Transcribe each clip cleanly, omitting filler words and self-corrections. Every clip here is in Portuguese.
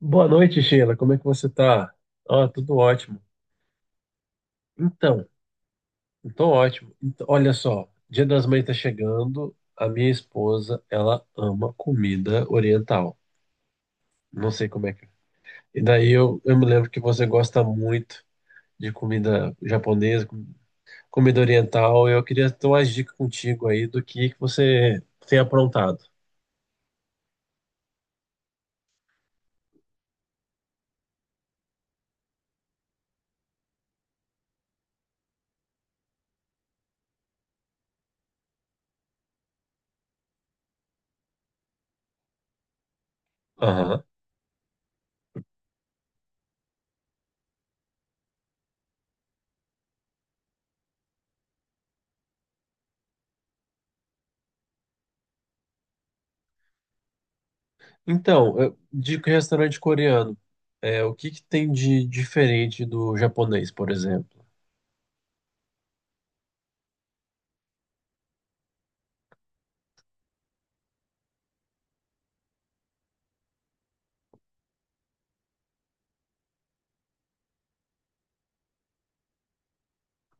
Boa noite, Sheila. Como é que você tá? Ah, tudo ótimo. Então, então ótimo. Então, olha só, Dia das Mães tá chegando. A minha esposa, ela ama comida oriental. Não sei como é que é. E daí eu me lembro que você gosta muito de comida japonesa, comida oriental. Eu queria ter umas dicas contigo aí do que você tem aprontado. Então, de restaurante coreano, o que que tem de diferente do japonês, por exemplo?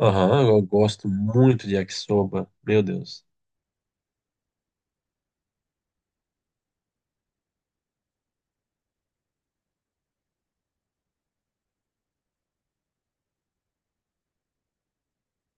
Aham, eu gosto muito de yakisoba, meu Deus.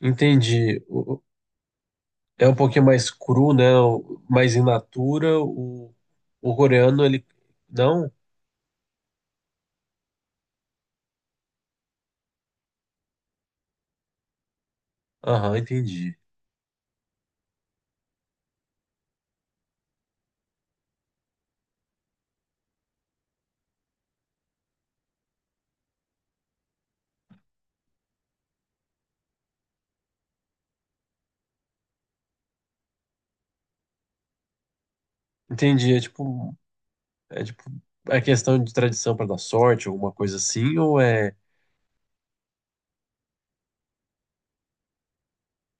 Entendi. É um pouquinho mais cru, né? Mais in natura. O coreano, ele. Não? Aham, entendi. Entendi. É tipo, é questão de tradição para dar sorte, alguma coisa assim, ou é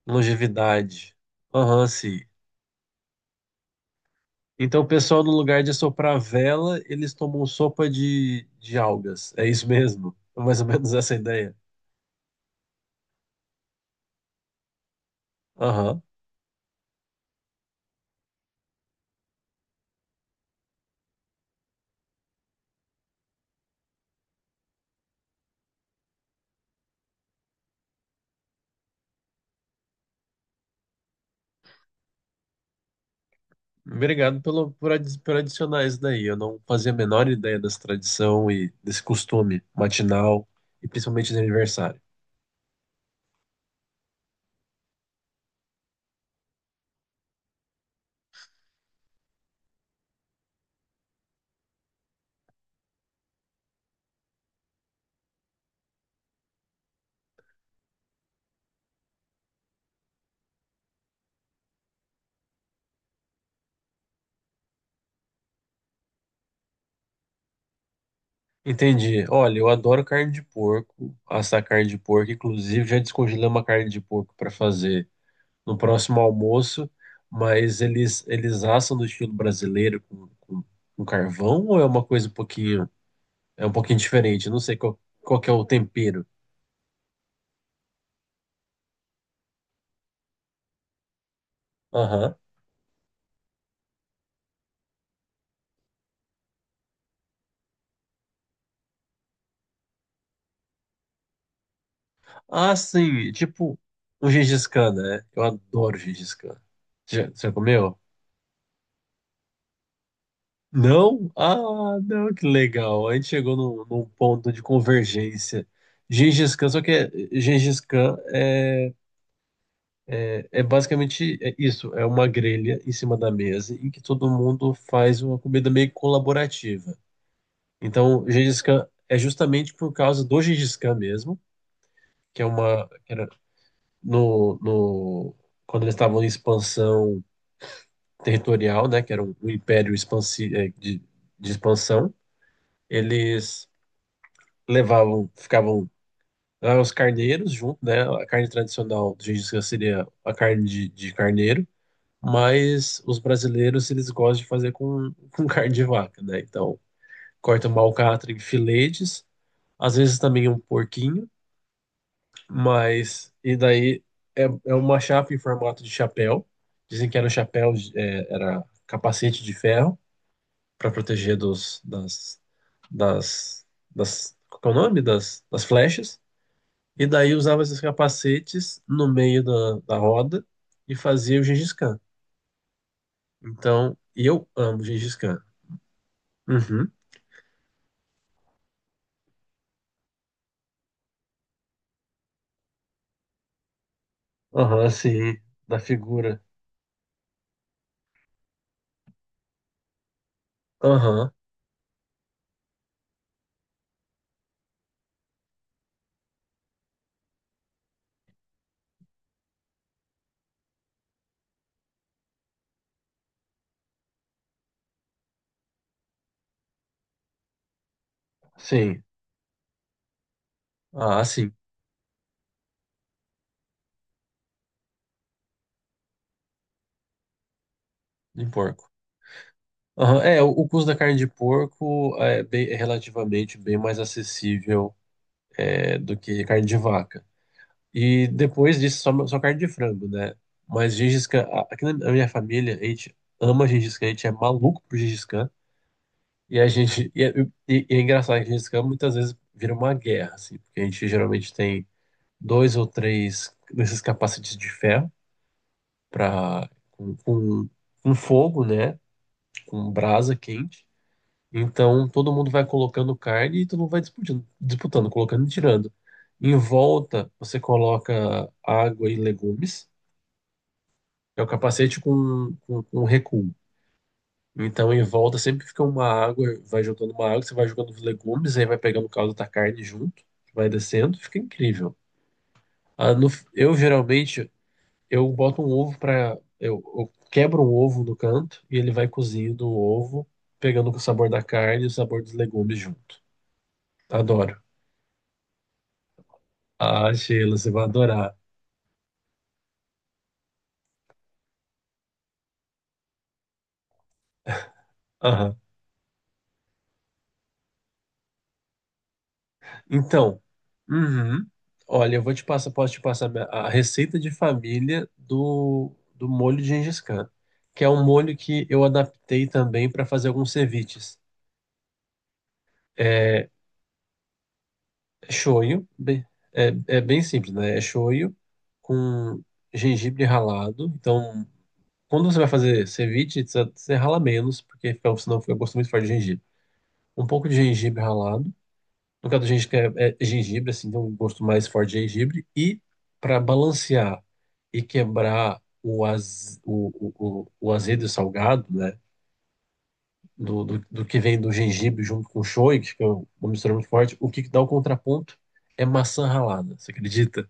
longevidade? Aham, sim. Então, o pessoal, no lugar de soprar vela, eles tomam sopa de algas. É isso mesmo? É mais ou menos essa a ideia. Aham. Obrigado por adicionar isso daí. Eu não fazia a menor ideia dessa tradição e desse costume matinal, e principalmente de aniversário. Entendi. Olha, eu adoro carne de porco, assar carne de porco. Inclusive, já descongelei uma carne de porco para fazer no próximo almoço, mas eles assam no estilo brasileiro com carvão ou é uma coisa um pouquinho, é um pouquinho diferente? Eu não sei qual que é o tempero. Aham. Ah, sim, tipo um Gengis Khan, né? Eu adoro Gengis Khan. Já, você comeu? Não? Ah, não, que legal. A gente chegou num ponto de convergência. Gengis Khan, só que é, Gengis Khan é basicamente é isso, é uma grelha em cima da mesa em que todo mundo faz uma comida meio colaborativa. Então, Gengis Khan é justamente por causa do Gengis Khan mesmo, que é uma que era no, no quando eles estavam em expansão territorial, né, que era um império de expansão, eles levavam, ficavam lá os carneiros junto, né? A carne tradicional do Gengis Khan seria a carne de carneiro, mas os brasileiros eles gostam de fazer com carne de vaca, né? Então, corta uma alcatra em filetes, às vezes também um porquinho, mas e daí é uma chapa em formato de chapéu. Dizem que era um chapéu, era capacete de ferro para proteger dos das das das qual que é o nome das flechas. E daí usava esses capacetes no meio da roda e fazia o Gengis Khan. Então, e eu amo Gengis Khan. Uhum. Aham, sim. Da figura. Aham, sim. Ah, sim. Em porco. Aham. O custo da carne de porco é relativamente bem mais acessível do que carne de vaca. E depois disso, só carne de frango, né? Mas Gengis Khan, aqui na minha família, a gente ama Gengis Khan, a gente é maluco por Gengis Khan. E a gente. E é engraçado que esse campo muitas vezes vira uma guerra, assim, porque a gente geralmente tem dois ou três desses capacetes de ferro pra, com, com, com fogo, né? Com brasa quente. Então todo mundo vai colocando carne e todo mundo vai disputando, disputando, colocando e tirando. Em volta, você coloca água e legumes. É o capacete com recuo. Então, em volta sempre fica uma água, vai jogando uma água, você vai jogando os legumes, aí vai pegando o caldo da carne junto, vai descendo, fica incrível. Ah, eu geralmente eu boto um ovo para eu quebro um ovo no canto e ele vai cozindo o ovo, pegando o sabor da carne e o sabor dos legumes junto. Adoro. Ah, Sheila, você vai adorar. Aham. Então, uhum. Olha, eu vou te passar, posso te passar a receita de família do molho de Gengis Khan, que é um molho que eu adaptei também para fazer alguns ceviches. É shoyu, é, é bem simples, né? É shoyu com gengibre ralado. Então, quando você vai fazer ceviche, você rala menos, porque senão fica gosto muito forte de gengibre. Um pouco de gengibre ralado. No caso do gengibre, é gengibre, assim, tem um gosto mais forte de gengibre. E para balancear e quebrar o, az, o azedo e salgado, né? Do que vem do gengibre junto com o shoyu, que é uma mistura muito forte, o que dá o contraponto é maçã ralada, você acredita?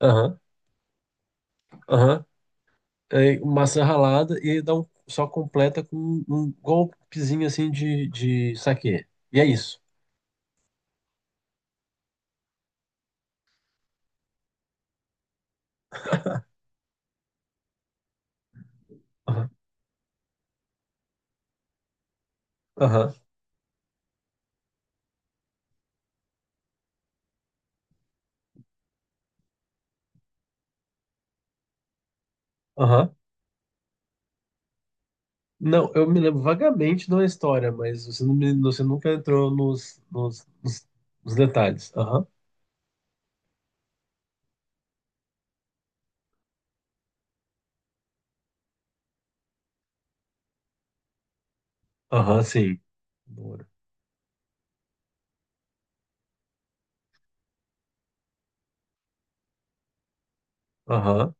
Aham, aham. É maçã ralada e dá um, só completa com um golpezinho assim de saquê. E é isso. Aham, aham, aham. Não, eu me lembro vagamente de uma história, mas você, não me- você nunca entrou nos detalhes. Aham, aham, sim. Louro. Aham,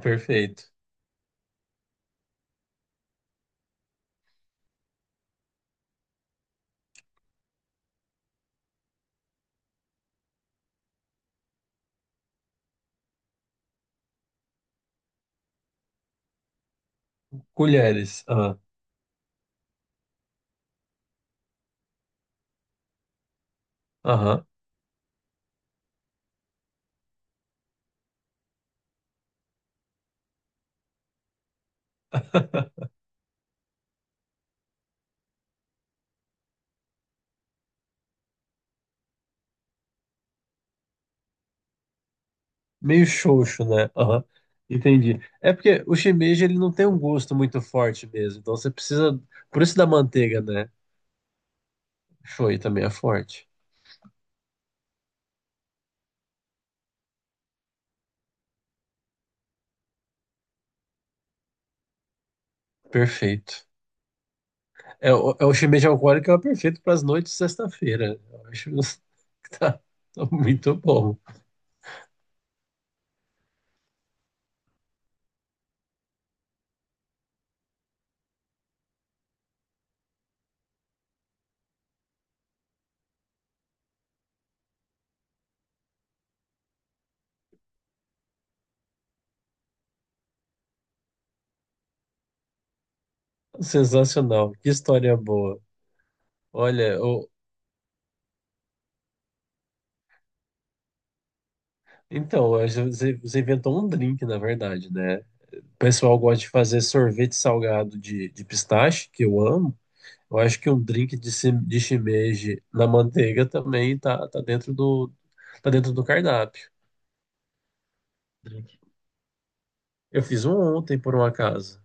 perfeito. Colheres, aham, aham. Meio xoxo, né? Aham, entendi. É porque o shimeji, ele não tem um gosto muito forte mesmo, então você precisa... Por isso da manteiga, né? Shoyu também é forte. Perfeito. É o shimeji alcoólico é o perfeito para as noites de sexta-feira. Eu acho que tá muito bom. Sensacional. Que história boa. Olha, então, você inventou um drink, na verdade, né? O pessoal gosta de fazer sorvete salgado de pistache, que eu amo. Eu acho que um drink de shimeji na manteiga também tá dentro do cardápio. Eu fiz um ontem, por um acaso.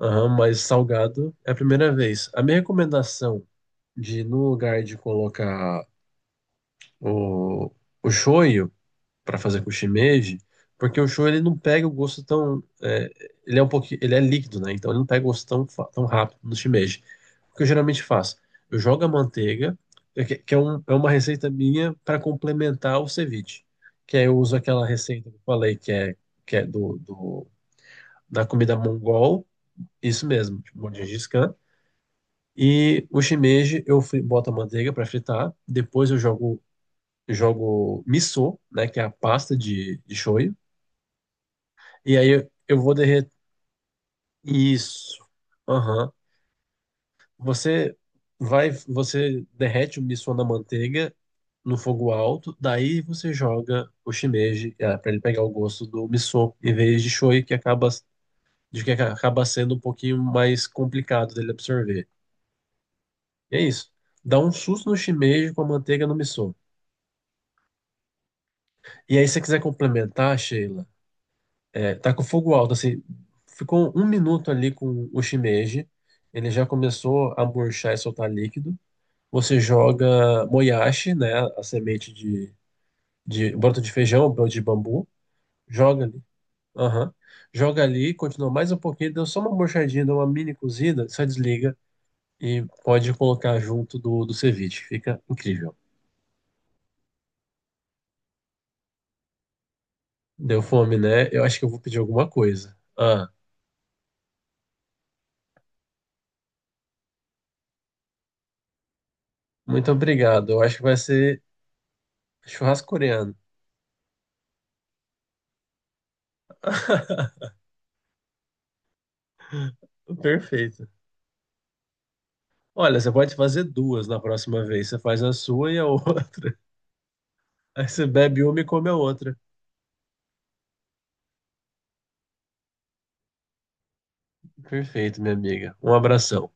Aham, mas salgado é a primeira vez. A minha recomendação de, no lugar de colocar o, o shoyu, para fazer com o shimeji, porque o show ele não pega o gosto tão, ele é um pouquinho, ele é líquido, né? Então ele não pega o gosto tão rápido do shimeji. O que eu geralmente faço, eu jogo a manteiga, é uma receita minha para complementar o ceviche, que aí eu uso aquela receita que eu falei que é do, do da comida mongol, isso mesmo, tipo, de Gengis Khan. E o shimeji boto a manteiga para fritar, depois eu jogo miso, né, que é a pasta de shoyu. E aí eu vou derreter. Isso. Aham. Você você derrete o miso na manteiga no fogo alto, daí você joga o shimeji para ele pegar o gosto do miso em vez de shoyu que acaba sendo um pouquinho mais complicado dele absorver. E é isso. Dá um susto no shimeji com a manteiga no miso. E aí se você quiser complementar, Sheila, tá com fogo alto, assim. Ficou um minuto ali com o shimeji. Ele já começou a murchar e soltar líquido. Você joga moyashi, né? A semente de broto de feijão, broto de bambu. Joga ali. Aham. Joga ali, continua mais um pouquinho. Deu só uma murchadinha, deu uma mini cozida. Só desliga e pode colocar junto do ceviche. Fica incrível. Deu fome, né? Eu acho que eu vou pedir alguma coisa. Ah, muito obrigado. Eu acho que vai ser churrasco coreano. Perfeito. Olha, você pode fazer duas na próxima vez. Você faz a sua e a outra. Aí você bebe uma e come a outra. Perfeito, minha amiga. Um abração.